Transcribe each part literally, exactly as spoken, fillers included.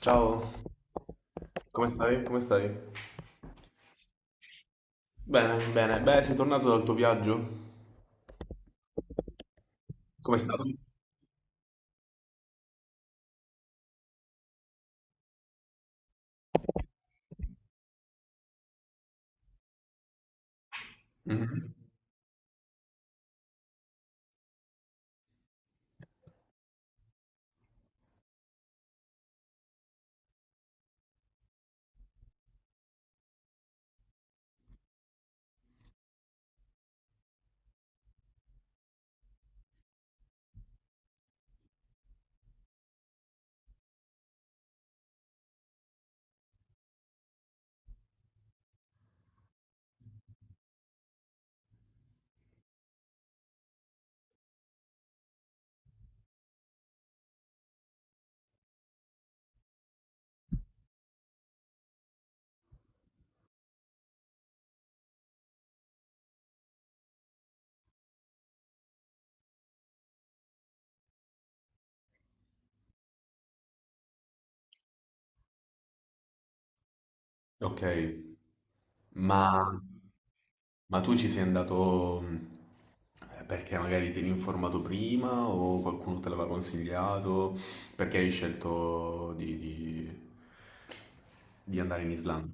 Ciao, come stai? Come stai? Bene, bene. Beh, sei tornato dal tuo viaggio? Com'è stato? Mhm. Ok, ma, ma tu ci sei andato mm, eh, perché magari ti eri informato prima o qualcuno te l'aveva consigliato? Perché hai scelto di, di- di andare in Islanda?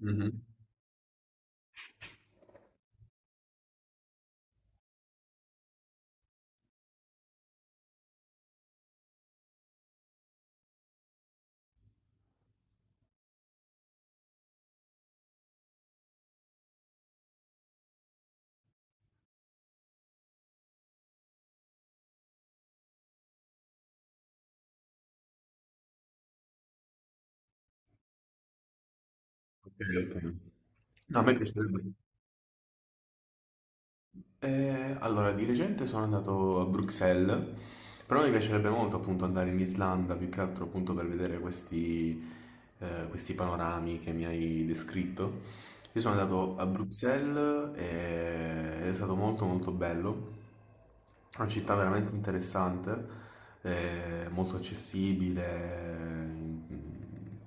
Mhm. Ok, ok. No, a me piacerebbe. Eh, allora, di recente sono andato a Bruxelles, però mi piacerebbe molto appunto andare in Islanda, più che altro appunto per vedere questi, eh, questi panorami che mi hai descritto. Io sono andato a Bruxelles e è stato molto molto bello. È una città veramente interessante, eh, molto accessibile in,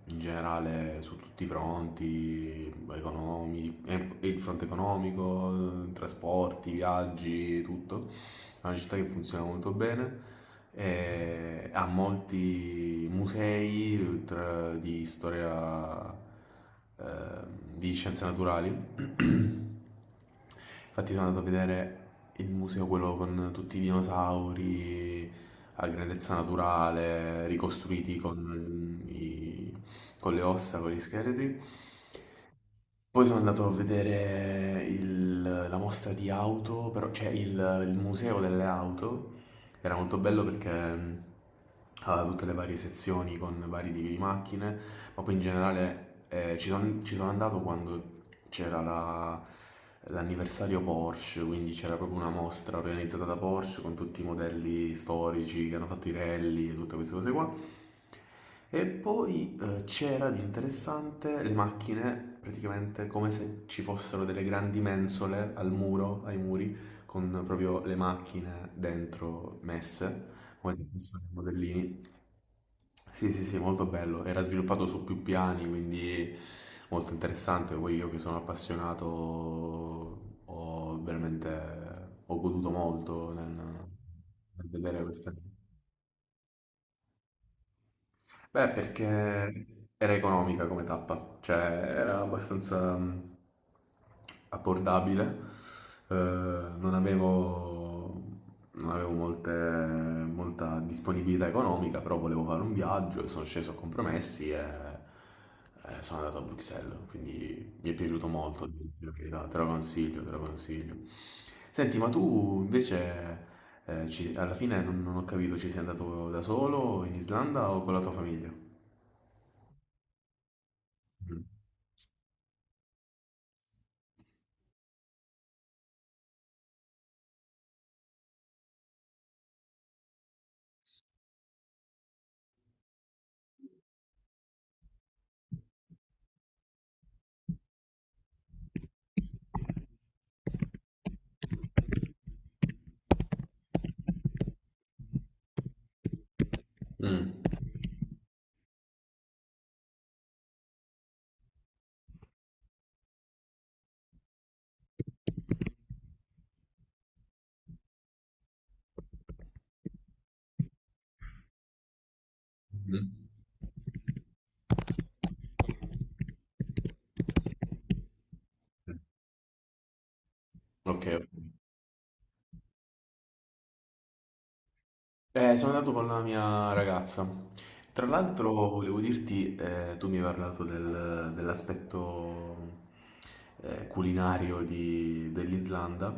in generale su tutti i fronti, economi, e- e il fronte economico, eh, trasporti, viaggi, tutto. È una città che funziona molto bene, eh, ha molti musei tra- di storia, eh, di scienze naturali. Infatti sono andato a vedere il museo, quello con tutti i dinosauri a grandezza naturale, ricostruiti con, i- con le ossa, con gli scheletri. Poi sono andato a vedere il- la mostra di auto, però, cioè il, il museo delle auto. Era molto bello perché mh, aveva tutte le varie sezioni con vari tipi di macchine, ma poi in generale eh, ci sono ci sono andato quando c'era la- l'anniversario Porsche, quindi c'era proprio una mostra organizzata da Porsche con tutti i modelli storici che hanno fatto i rally e tutte queste cose qua. E poi eh, c'era di interessante le macchine, praticamente come se ci fossero delle grandi mensole al muro, ai muri, con proprio le macchine dentro messe, come se fossero dei modellini. Sì, sì, sì, molto bello. Era sviluppato su più piani, quindi molto interessante. Poi io che sono appassionato ho veramente ho goduto molto nel, nel vedere questa. Beh, perché era economica come tappa, cioè era abbastanza mh, abbordabile, eh, non avevo, non avevo molte- molta disponibilità economica, però volevo fare un viaggio e sono sceso a compromessi e, e sono andato a Bruxelles, quindi mi è piaciuto molto, devo dire la verità, te lo consiglio, te lo consiglio. Senti, ma tu invece eh, ci- alla fine non, non ho capito, ci sei andato da solo in Islanda o con la tua famiglia? Mm. Mm. Mm. Ok, ok. Eh, sono andato con la mia ragazza. Tra l'altro volevo dirti, eh, tu mi hai parlato del- dell'aspetto eh, culinario di- dell'Islanda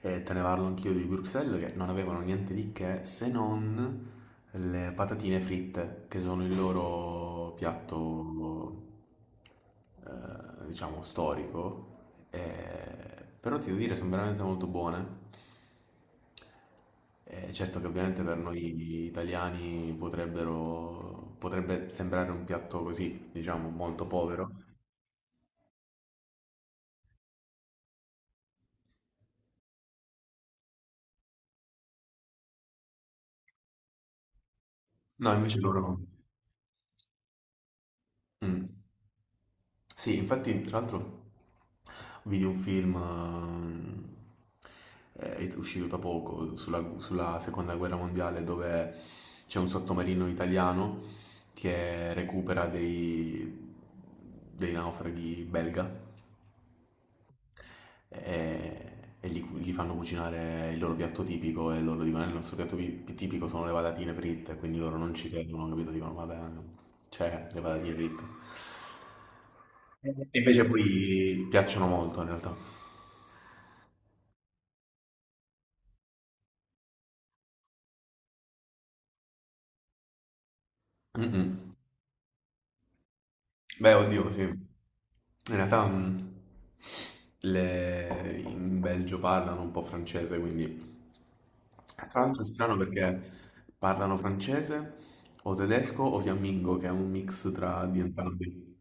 e te ne parlo anch'io di Bruxelles, che non avevano niente di che se non le patatine fritte, che sono il loro piatto eh, diciamo, storico, eh, però ti devo dire, sono veramente molto buone. Eh, certo che ovviamente per noi italiani potrebbero, potrebbe sembrare un piatto così, diciamo, molto povero. No, invece loro... no. Mm. Sì, infatti, tra l'altro, vidi un film eh, è uscito da poco sulla, sulla seconda guerra mondiale, dove c'è un sottomarino italiano che recupera dei, dei naufraghi belga e, e gli, gli fanno cucinare il loro piatto tipico e loro dicono: "Eh, il nostro piatto pi- tipico sono le patatine fritte", quindi loro non ci credono, capito? Dicono: "Vabbè, no". Cioè, le patatine fritte. Invece poi piacciono molto in realtà. Mm-mm. Beh, oddio, sì. In realtà mm, le- in Belgio parlano un po' francese, quindi... Tra l'altro è strano perché parlano francese o tedesco o fiammingo, che è un mix tra di entrambi.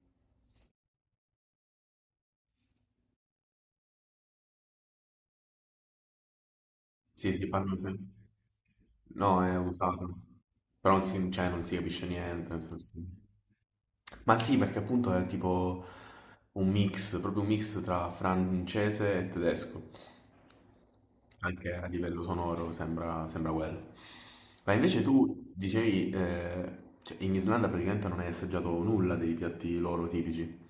Sì, sì, parlo per- No, è usato, però non si, cioè, non si capisce niente, nel senso... Ma sì, perché appunto è tipo un mix, proprio un mix tra francese e tedesco, anche a livello sonoro sembra, sembra quello. Ma invece tu dicevi, eh, cioè, in Islanda praticamente non hai assaggiato nulla dei piatti loro tipici.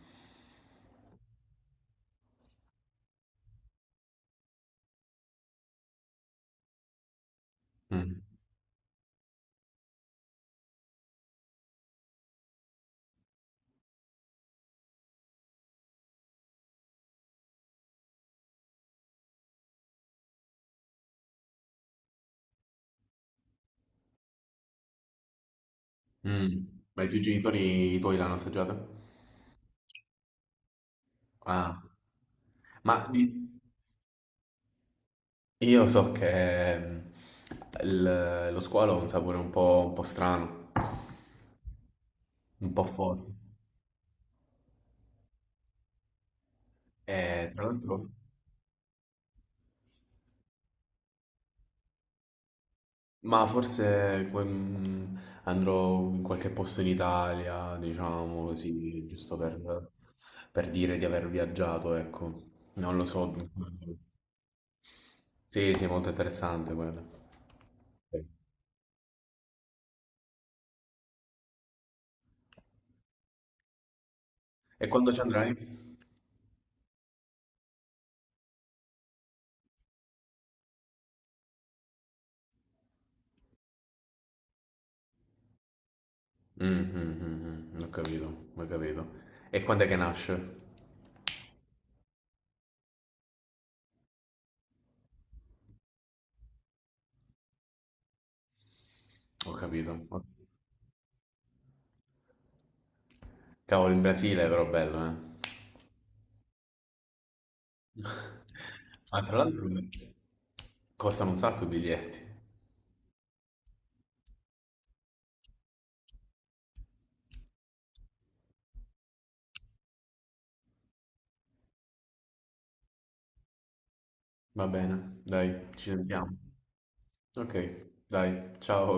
Mm. Mm. Ma i tuoi genitori, i tuoi l'hanno assaggiata? Ah, ma di- io so che mm, il- lo squalo ha un sapore un po', un po' strano, un po' forte. E, tra l'altro, ma forse que- mm, andrò in qualche posto in Italia, diciamo così, giusto per, per dire di aver viaggiato, ecco. Non lo so. Sì, sì, è molto interessante quello. Sì. E quando ci andrai? Mm, mm, mm, mm, ho capito, ho capito. E quando è che nasce? Ho capito. Cavolo, in Brasile è però bello, eh. Ah, tra l'altro costano un sacco i biglietti. Va bene, dai, ci sentiamo. Ok, dai, ciao.